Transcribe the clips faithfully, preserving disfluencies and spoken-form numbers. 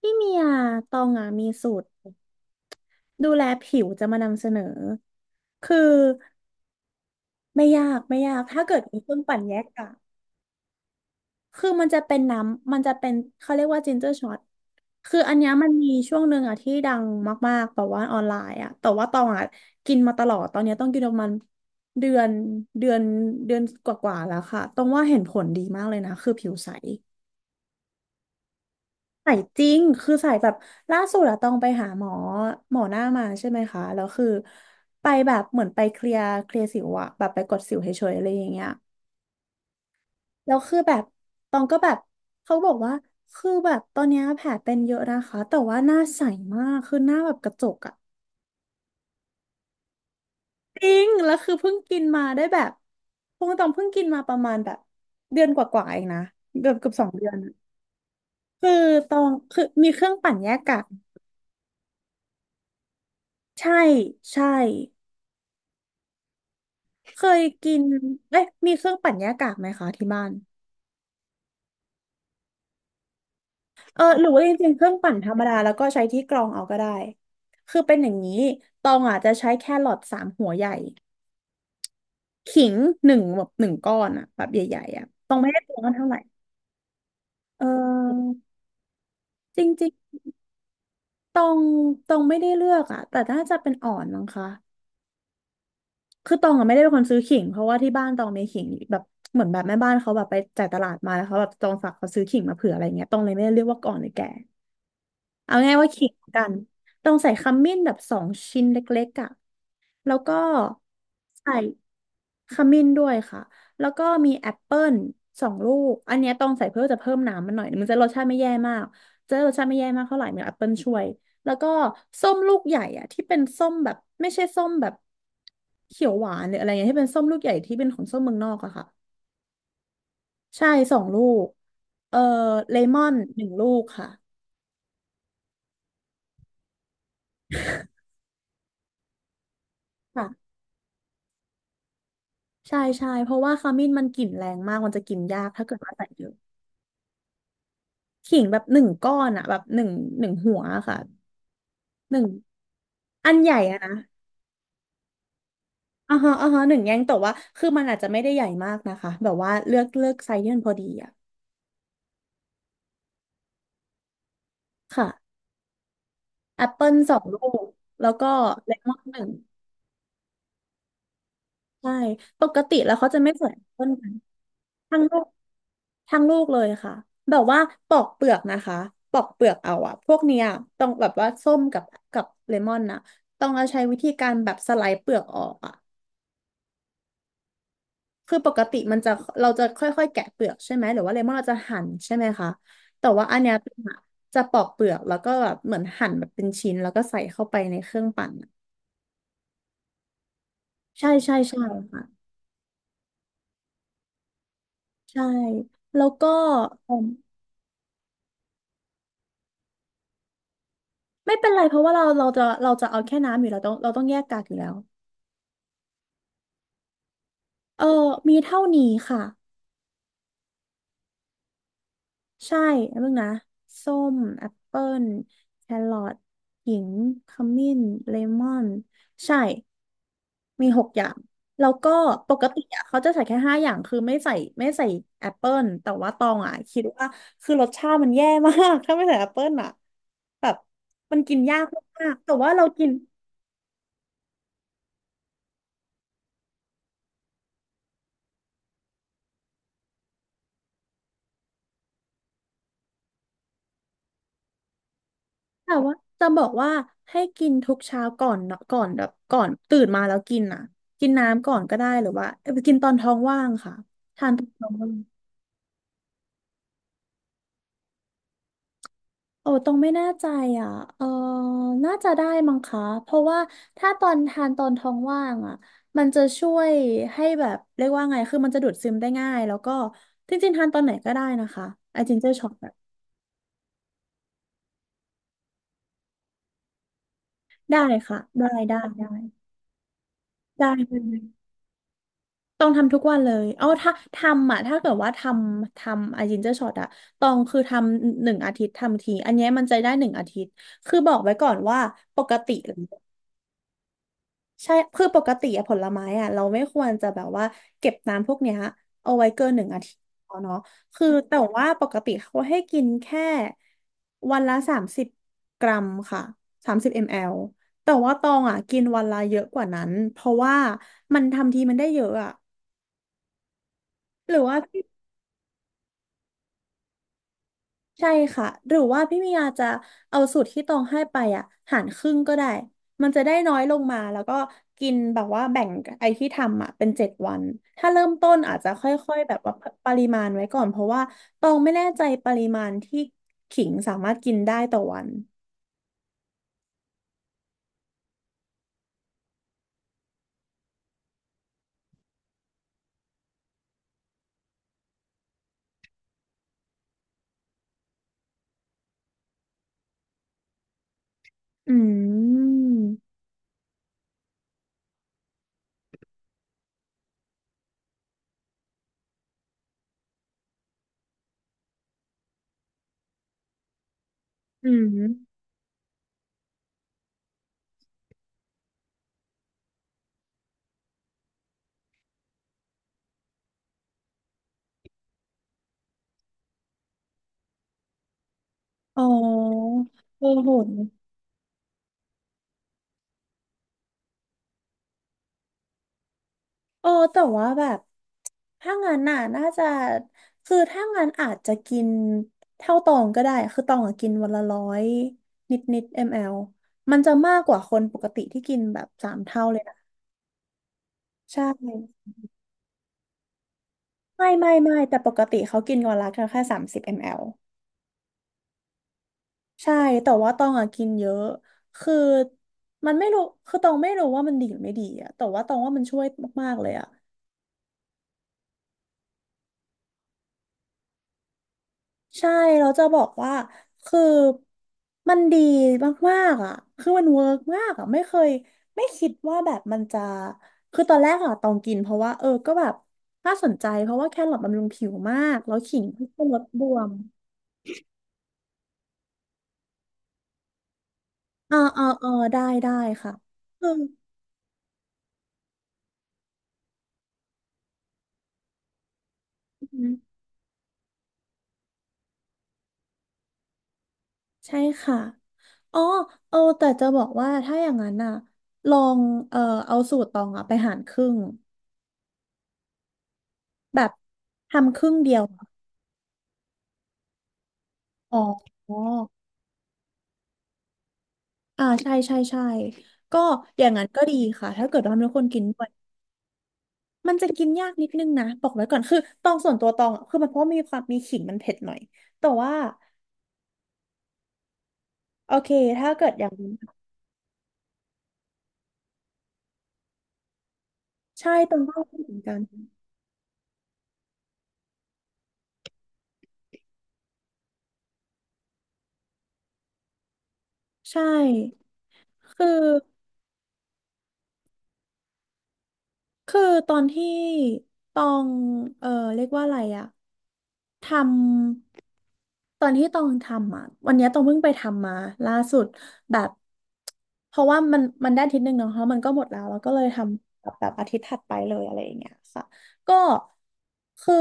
พี่เมียตองอ่ะมีสูตรดูแลผิวจะมานำเสนอ คือไม่ยากไม่ยาก ถ้าเกิดมีเครื่องปั่นแยกอะคือมันจะเป็นน้ำ มันจะเป็นเขาเรียกว่าจินเจอร์ช็อตคืออันเนี้ยมันมีช่วงหนึ่งอ่ะที่ดังมากๆแบบว่าออนไลน์อ่ะแต่ว่าตองอ่ะกินมาตลอด ตอนเนี้ยต้องกินประมาณเดือนเดือนเดือนกว่าๆแล้วค่ะตองว่าเห็นผลดีมากเลยนะ คือผิวใส สายจริงคือสายแบบล่าสุดอะต้องไปหาหมอหมอหน้ามาใช่ไหมคะแล้วคือไปแบบเหมือนไปเคลียร์เคลียร์สิวอะแบบไปกดสิวเฉยๆอะไรอย่างเงี้ยแล้วคือแบบตองก็แบบเขาบอกว่าคือแบบตอนเนี้ยแผลเป็นเยอะนะคะแต่ว่าหน้าใสมากคือหน้าแบบกระจกอะจริงแล้วคือเพิ่งกินมาได้แบบพวกตองเพิ่งกินมาประมาณแบบเดือนกว่าๆเองนะเกือบเกือบสองเดือนอะคือตองคือมีเครื่องปั่นแยกกากใช่ใช่ เคยกินเอ๊ะมีเครื่องปั่นหญ้ากากไหมคะที่บ้านเออหรือว่าจริงๆเครื่องปั่นธรรมดาแล้วก็ใช้ที่กรองเอาก็ได้คือเป็นอย่างนี้ตองอาจจะใช้แครอทสามหัวใหญ่ขิงหนึ่งแบบหนึ่งก้อนอะแบบใหญ่ๆอะตองไม่ได้ตวงกันเท่าไหร่เออจริงๆตองตองไม่ได้เลือกอะแต่น่าจะเป็นอ่อนมั้งคะคือตองอะไม่ได้เป็นคนซื้อขิงเพราะว่าที่บ้านตองมีขิงแบบเหมือนแบบแม่บ้านเขาแบบไปจ่ายตลาดมาแล้วเขาแบบตองฝากเขาซื้อขิงมาเผื่ออะไรเงี้ยตองเลยไม่ได้เรียกว่าก่อนหรือแก่ เอาง่ายว่าขิงกันต้องใส่ขมิ้นแบบสองชิ้นเล็กๆอ่ะแล้วก็ใส่ขมิ้นด้วยค่ะแล้วก็มีแอปเปิลสองลูกอันเนี้ยต้องใส่เพื่อจะเพิ่มน้ำมันหน่อยมันจะรสชาติไม่แย่มากจะรสชาติไม่แย่มากเท่าไหร่มีแอปเปิลช่วยแล้วก็ส้มลูกใหญ่อ่ะที่เป็นส้มแบบไม่ใช่ส้มแบบเขียวหวานหรืออะไรเงี้ยที่เป็นส้มลูกใหญ่ที่เป็นของส้มเมืองนอกอะค่ะใช่สองลูกเอ่อเลมอนหนึ่งลูกค่ะ ใช่ใช่เพราะว่าขมิ้นมันกลิ่นแรงมากมันจะกินยากถ้าเกิดว่าใส่เยอะขิงแบบหนึ่งก้อนอะแบบหนึ่งหนึ่งหัวอะค่ะหนึ่งอันใหญ่อะนะอ่าฮะอ่าฮะหนึ่งแยงแต่ว่าคือมันอาจจะไม่ได้ใหญ่มากนะคะแบบว่าเลือกเลือกไซส์ที่มันพอดีอะค่ะแอปเปิลสองลูกแล้วก็เลมอนหนึ่งใช่ปกติแล้วเขาจะไม่ใส่แอปเปิลกันทั้งลูก ทั้งลูกเลยค่ะแบบว่าปอกเปลือกนะคะปอกเปลือกเอาอะพวกเนี้ยต้องแบบว่าส้มกับกับเลมอนนะต้องเอาใช้วิธีการแบบสไลด์เปลือกออกอะคือปกติมันจะเราจะค่อยๆแกะเปลือกใช่ไหมหรือว่าเลมอนเราจะหั่นใช่ไหมคะแต่ว่าอันเนี้ยจะปอกเปลือกแล้วก็แบบเหมือนหั่นแบบเป็นชิ้นแล้วก็ใส่เข้าไปในเครื่องปั่นอะใช่ใช่ใช่ค่ะใช่แล้วก็เอิ่มไม่เป็นไรเพราะว่าเราเราจะเราจะเอาแค่น้ำอยู่แล้วต้องเราต้องแยกกากอยู่แล้วเออมีเท่านี้ค่ะ ใช่แล้วมึงนะส้มแอปเปิลแครอทขิงขมิ้นเลมอนใช่มีหกอย่างแล้วก็ปกติอ่ะเขาจะใส่แค่ห้าอย่างคือไม่ใส่ไม่ใส่แอปเปิลแต่ว่าตองอ่ะคิดว่าคือรสชาติมันแย่มาก ถ้าไม่ใส่แอปเปิลอ่ะแบบมันกินยากมากๆแต่ว่าเรากิน แต่ว่าจะบอกว่าให้กินทุกเช้าก่อนเนาะก่อนแบบก่อนตื่นมาแล้วกินอ่ะกินน้ำก่อนก็ได้หรือว่าเอ้ยกินตอนท้องว่างค่ะทานตอนท้องว่างโอ้ตรงไม่แน่ใจอ่ะเออน่าจะได้มั้งคะเพราะว่าถ้าตอนทานตอนท้องว่างอ่ะมันจะช่วยให้แบบเรียกว่าไงคือมันจะดูดซึมได้ง่ายแล้วก็จริงๆทานตอนไหนก็ได้นะคะไอจินเจอร์ช็อตแบบได้ค่ะได้ได้ได้ได้ ต้องทำทุกวันเลยเอาถ้าทำอ่ะถ้าเกิดว่าทำทำไอจินเจอร์ช็อตอะตองคือทำหนึ่งอาทิตย์ทำทีอันเนี้ยมันจะได้หนึ่งอาทิตย์คือบอกไว้ก่อนว่าปกติใช่คือปกติอะผลไม้อะเราไม่ควรจะแบบว่าเก็บน้ำพวกเนี้ยเอาไว้เกินหนึ่งอาทิตย์เนาะคือแต่ว่าปกติเขาให้กินแค่วันละสามสิบกรัมค่ะสามสิบมลลิลิตรแต่ว่าตองอะกินวันละเยอะกว่านั้นเพราะว่ามันทำทีมันได้เยอะอะหรือว่า ใช่ค่ะหรือว่าพี่มียาจะเอาสูตรที่ตองให้ไปอ่ะหารครึ่งก็ได้มันจะได้น้อยลงมาแล้วก็กินแบบว่าแบ่งไอ้ที่ทำอ่ะเป็นเจ็ดวันถ้าเริ่มต้นอาจจะค่อยๆแบบว่าปริมาณไว้ก่อนเพราะว่าตองไม่แน่ใจปริมาณที่ขิงสามารถกินได้ต่อวันอืมอืมอ๋อโอ้โห เออแต่ว่าแบบถ้างั้นน่ะน่าจะคือถ้างั้นอาจจะกินเท่าตองก็ได้ คือตองอะกินวันละร้อยนิดนิดมลมันจะมากกว่าคนปกติที่กินแบบสามเท่าเลยนะใช่ไม่ไม่ไม่แต่ปกติเขากินวันละแค่สามสิบมลใช่แต่ว่าตองอะกินเยอะ คือมันไม่รู้คือตองไม่รู้ว่ามันดีหรือไม่ดีอะแต่ว่าตองว่ามันช่วยมากๆเลยอะ ใช่เราจะบอกว่า คือ มันดีมากๆอ่ะคือมันเวิร์กมากอ่ะไม่เคยไม่คิดว่าแบบมันจะ คือตอนแรกอ่ะตองกินเพราะว่าเออก็แบบน่าสนใจเพราะว่าแครอทบำรุงผิวมากแล้วขิงก็ลดบวมอ่าอ่าอ่าได้ได้ค่ะอืมอืมใช่ค่ะอ๋อเออแต่จะบอกว่าถ้าอย่างนั้นอ่ะลองเออเอาสูตรตองอ่ะไปหารครึ่ง แบบทำครึ่งเดียวอะอ๋อ อ่าใช่ใช่ใช่ก็อย่างนั้นก็ดีค่ะถ้าเกิดว่ามีคนกินด้วยมันจะกินยากนิดนึงนะบอกไว้ก่อนคือตองส่วนตัวตองอะคือมันเพราะมีความมีขิงมันเผ็ดหน่อยแต่ว่าโอเคถ้าเกิดอย่างนั้นใช่ตองก็เหมือนกันใช่คือคือตอนที่ตองเออเรียกว่าอะไรอะ ทำตอนที่ตองทำอ่ะวันเนี้ยตองเพิ่งไปทำมาล่าสุดแบบเพราะว่ามันมันได้อาทิตย์หนึ่งเนาะเพราะมันก็หมดแล้วแล้วก็เลยทำแบบแบบอาทิตย์ถัดไปเลยอะไรอย่างเงี้ยค่ะก็คือ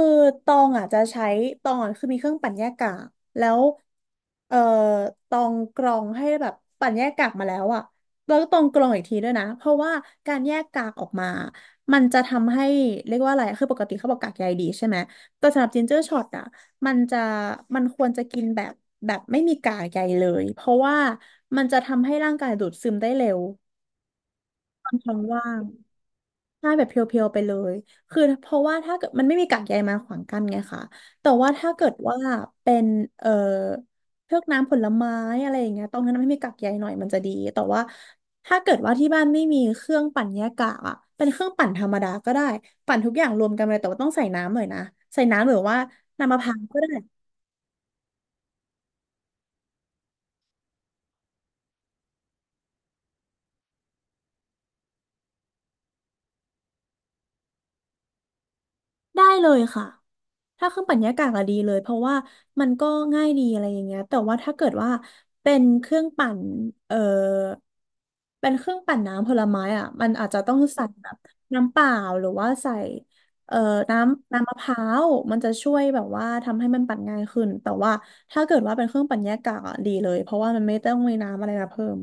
ตองอ่ะจะใช้ตองอะคือมีเครื่องปั่นแยกกากแล้วเอ่อตองกรองให้แบบปั่นแยกกากมาแล้วอ่ะแล้วก็ตองกรองอีกทีด้วยนะเพราะว่าการแยกกากออกมามันจะทำให้เรียกว่าอะไรคือปกติเขาบอกกากใยดีใช่ไหม แต่สำหรับจินเจอร์ช็อตอ่ะมันจะมันควรจะกินแบบแบบไม่มีกากใยเลยเพราะว่ามันจะทำให้ร่างกายดูดซึมได้เร็วตอนท้องว่างใช่แบบเพียวๆไปเลยคือเพราะว่าถ้าเกิดมันไม่มีกากใยมาขวางกั้นไงคะแต่ว่าถ้าเกิดว่าเป็นเอ่อพวกน้ำผลไม้อะไรอย่างเงี้ยตรงนั้นไม่มีกากใยหน่อยมันจะดีแต่ว่าถ้าเกิดว่าที่บ้านไม่มีเครื่องปั่นแยกกากอ่ะเป็นเครื่องปั่นธรรมดาก็ได้ปั่นทุกอย่างรวมกันเลยแต่ว่าต้องใส่น้ำหน่อยนะใส่น้ำหรือว่าน้ำมะพร้าวก็ได้ ได้เลยค่ะ ถ้าเครื่องปั่นหญ้ากากอะดีเลยเพราะว่ามันก็ง่ายดีอะไรอย่างเงี้ยแต่ว่าถ้าเกิดว่าเป็นเครื่องปั่นเอ่อเป็นเครื่องปั่นน้ำผลไม้อ่ะมันอาจจะต้องใส่แบบน้ำเปล่าหรือว่าใส่เอ่อน้ำน้ำมะพร้าวมันจะช่วยแบบว่าทำให้มันปั่นง่ายขึ้น แต่ว่าถ้าเกิดว่าเป็นเครื่องปั่นหญ้ากากอะดีเลย เพราะว่ามันไม่ต้องมีน้ำอะไรมาเพิ่ม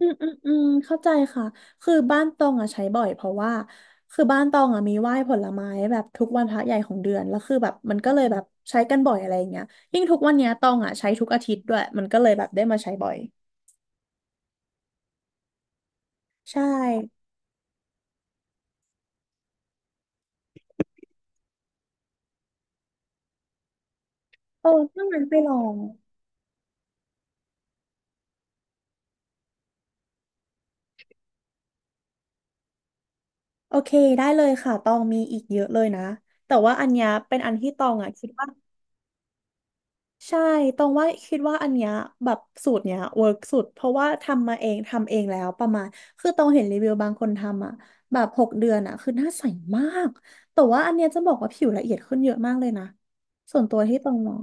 อืมอืมอืมเข้าใจค่ะคือบ้านตองอ่ะใช้บ่อยเพราะว่าคือบ้านตองอ่ะมีไหว้ผลไม้แบบทุกวันพระใหญ่ของเดือนแล้วคือแบบมันก็เลยแบบใช้กันบ่อยอะไรอย่างเงี้ยยิ่งทุกวันเนี้ยตองอ่ะใช้ทุกอาทิตย์ด้วยมันก็เลยแบบได้มาใช้บ่อยใช่โอ้ถ้างั้นไปลองโอเคได้เลยค่ะตองมีอีกเยอะเลยนะแต่ว่าอันเนี้ยเป็นอันที่ตองอ่ะคิดว่า ใช่ตรงว่าคิดว่าอันเนี้ยแบบสูตรเนี้ยเวิร์กสุดเพราะว่าทำมาเองทำเองแล้วประมาณคือตรงเห็นรีวิวบางคนทำอ่ะแบบหกเดือนอ่ะคือหน้าใสมากแต่ว่าอันเนี้ยจะบอกว่าผิวละเอียดขึ้นเยอะมากเลยนะส่วนตัวที่ตรงมอง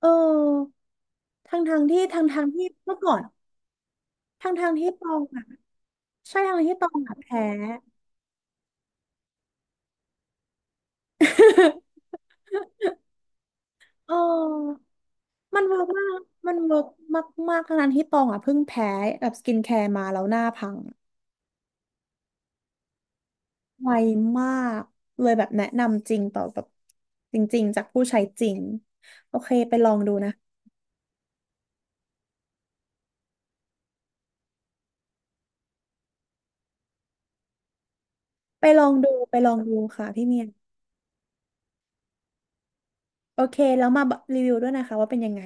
เออทางทางๆที่ทางทางๆที่เมื่อก่อนทางทางๆที่ตองอ่ะใช่ทางๆที่ตองอ่ะแพ้ เออมันเวิร์กมากมันเวิร์กมากๆทั้งนั้นที่ตองอ่ะเพิ่งแพ้แบบสกินแคร์มาแล้วหน้าพัง ไวมากเลยแบบแนะนำจริงต่อแบบจริงๆจากผู้ใช้จริงโอเคไปลองดูนะไปลองดูไปลองดูค่ะพี่เมียนโอเคแล้วมารีวิวด้วยนะคะว่าเป็นยังไง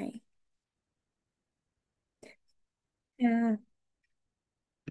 อ่า